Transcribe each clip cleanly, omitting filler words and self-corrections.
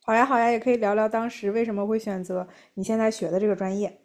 好呀，好呀，也可以聊聊当时为什么会选择你现在学的这个专业。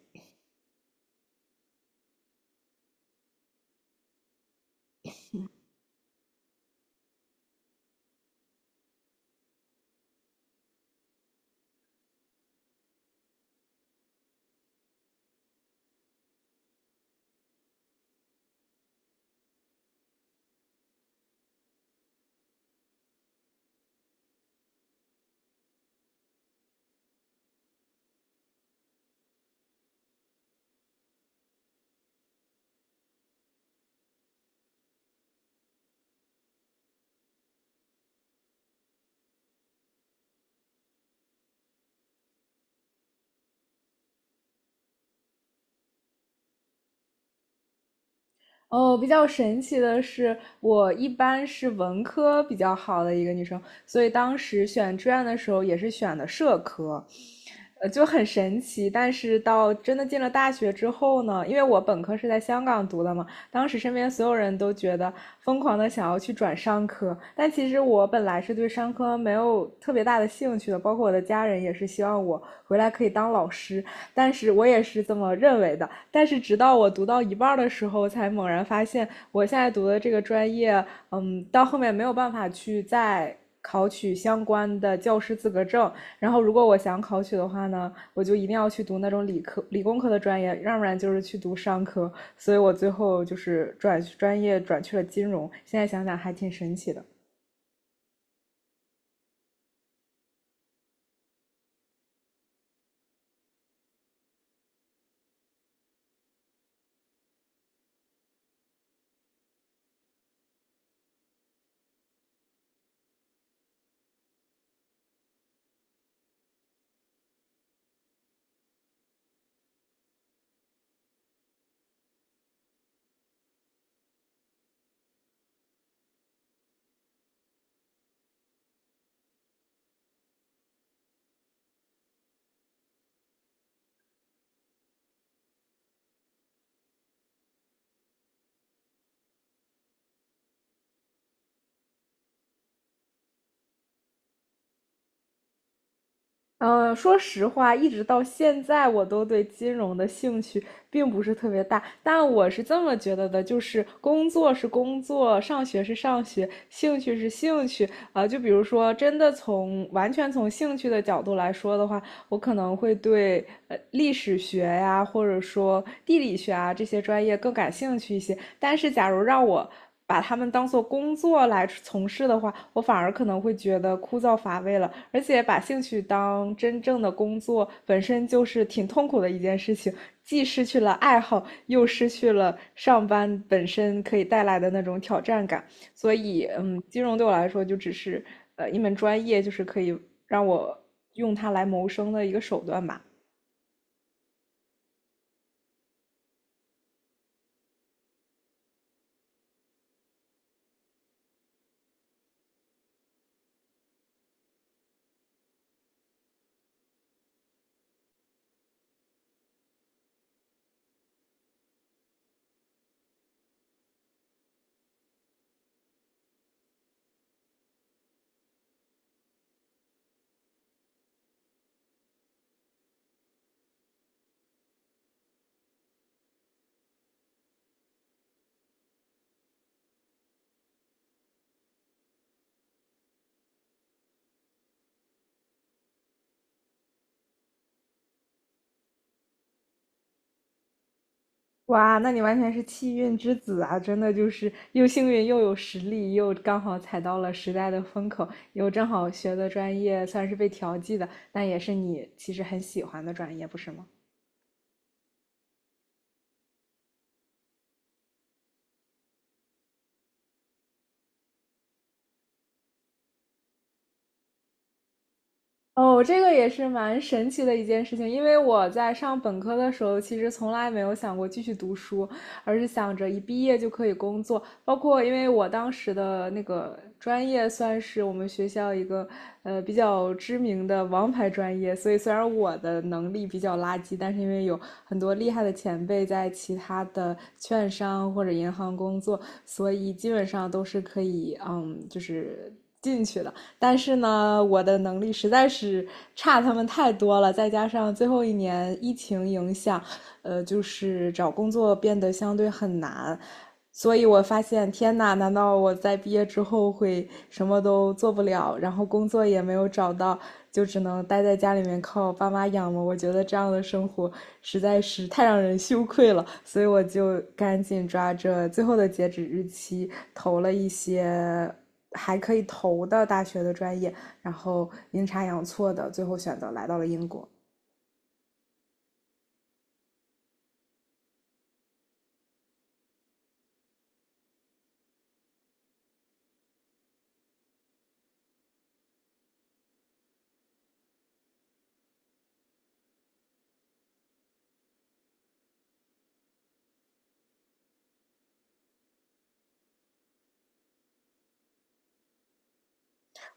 哦，比较神奇的是，我一般是文科比较好的一个女生，所以当时选志愿的时候也是选的社科，就很神奇。但是到真的进了大学之后呢，因为我本科是在香港读的嘛，当时身边所有人都觉得疯狂的想要去转商科，但其实我本来是对商科没有特别大的兴趣的，包括我的家人也是希望我回来可以当老师，但是我也是这么认为的。但是直到我读到一半的时候，才猛然发现，我现在读的这个专业，到后面没有办法去再考取相关的教师资格证。然后，如果我想考取的话呢，我就一定要去读那种理科、理工科的专业，要不然就是去读商科。所以我最后就是转专业转去了金融。现在想想还挺神奇的。说实话，一直到现在，我都对金融的兴趣并不是特别大。但我是这么觉得的，就是工作是工作，上学是上学，兴趣是兴趣。啊、就比如说，真的从完全从兴趣的角度来说的话，我可能会对历史学呀，或者说地理学啊这些专业更感兴趣一些。但是，假如让我把他们当做工作来从事的话，我反而可能会觉得枯燥乏味了。而且，把兴趣当真正的工作本身就是挺痛苦的一件事情，既失去了爱好，又失去了上班本身可以带来的那种挑战感。所以，金融对我来说就只是一门专业，就是可以让我用它来谋生的一个手段吧。哇，那你完全是气运之子啊！真的就是又幸运又有实力，又刚好踩到了时代的风口，又正好学的专业算是被调剂的，但也是你其实很喜欢的专业，不是吗？哦，这个也是蛮神奇的一件事情，因为我在上本科的时候，其实从来没有想过继续读书，而是想着一毕业就可以工作。包括因为我当时的那个专业算是我们学校一个比较知名的王牌专业，所以虽然我的能力比较垃圾，但是因为有很多厉害的前辈在其他的券商或者银行工作，所以基本上都是可以进去的。但是呢，我的能力实在是差他们太多了，再加上最后一年疫情影响，就是找工作变得相对很难，所以我发现，天呐，难道我在毕业之后会什么都做不了，然后工作也没有找到，就只能待在家里面靠爸妈养吗？我觉得这样的生活实在是太让人羞愧了，所以我就赶紧抓着最后的截止日期投了一些。还可以投的大学的专业，然后阴差阳错的最后选择来到了英国。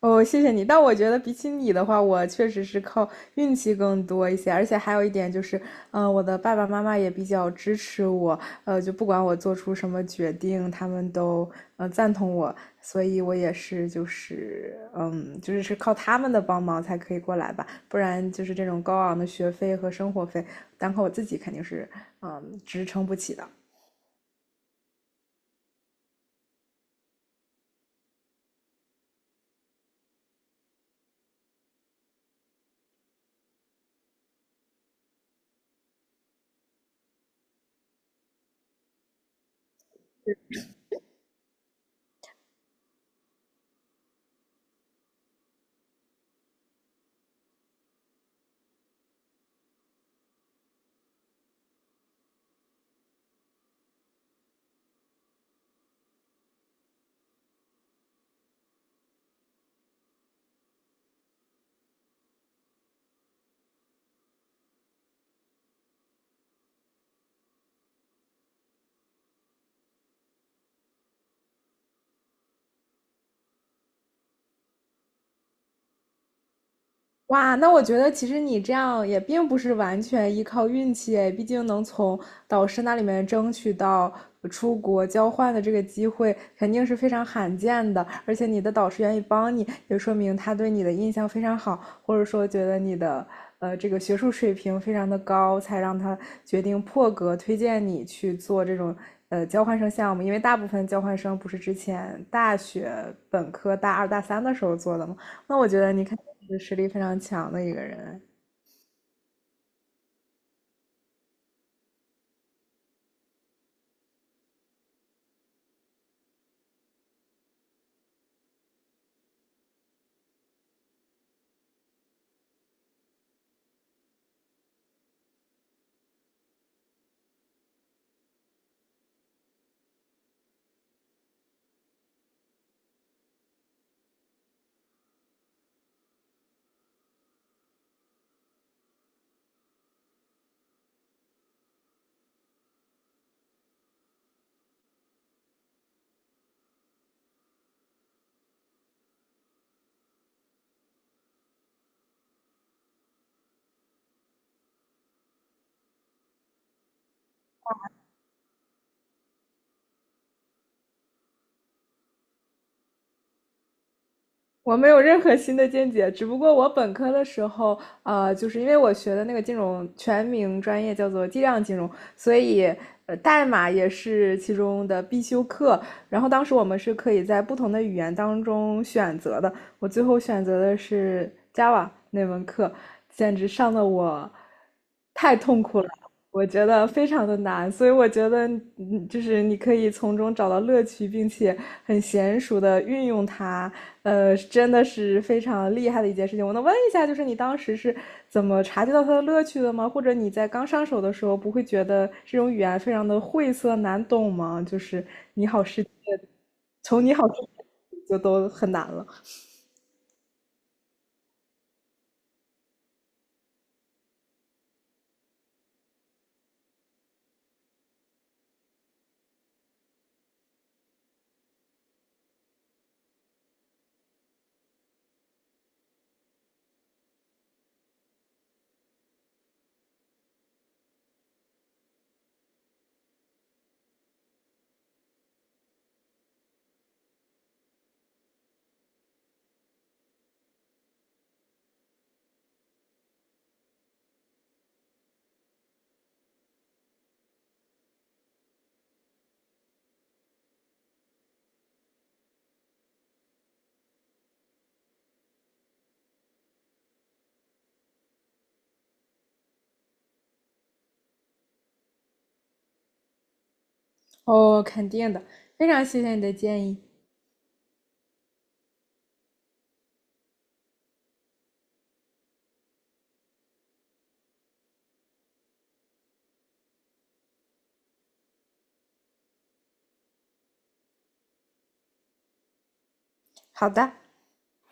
哦，谢谢你。但我觉得比起你的话，我确实是靠运气更多一些，而且还有一点就是，我的爸爸妈妈也比较支持我，就不管我做出什么决定，他们都赞同我，所以我也是就是靠他们的帮忙才可以过来吧，不然就是这种高昂的学费和生活费，单靠我自己肯定是支撑不起的。哇，那我觉得其实你这样也并不是完全依靠运气诶，毕竟能从导师那里面争取到出国交换的这个机会，肯定是非常罕见的。而且你的导师愿意帮你，也说明他对你的印象非常好。或者说觉得你的这个学术水平非常的高，才让他决定破格推荐你去做这种交换生项目。因为大部分交换生不是之前大学本科大二大三的时候做的吗？那我觉得你肯定是实力非常强的一个人。我没有任何新的见解，只不过我本科的时候，就是因为我学的那个金融全名专业叫做计量金融，所以代码也是其中的必修课。然后当时我们是可以在不同的语言当中选择的，我最后选择的是 Java 那门课，简直上的我太痛苦了。我觉得非常的难，所以我觉得，就是你可以从中找到乐趣，并且很娴熟的运用它，真的是非常厉害的一件事情。我能问一下，就是你当时是怎么察觉到它的乐趣的吗？或者你在刚上手的时候，不会觉得这种语言非常的晦涩难懂吗？就是从你好之前就都很难了。哦，肯定的，非常谢谢你的建议。好的。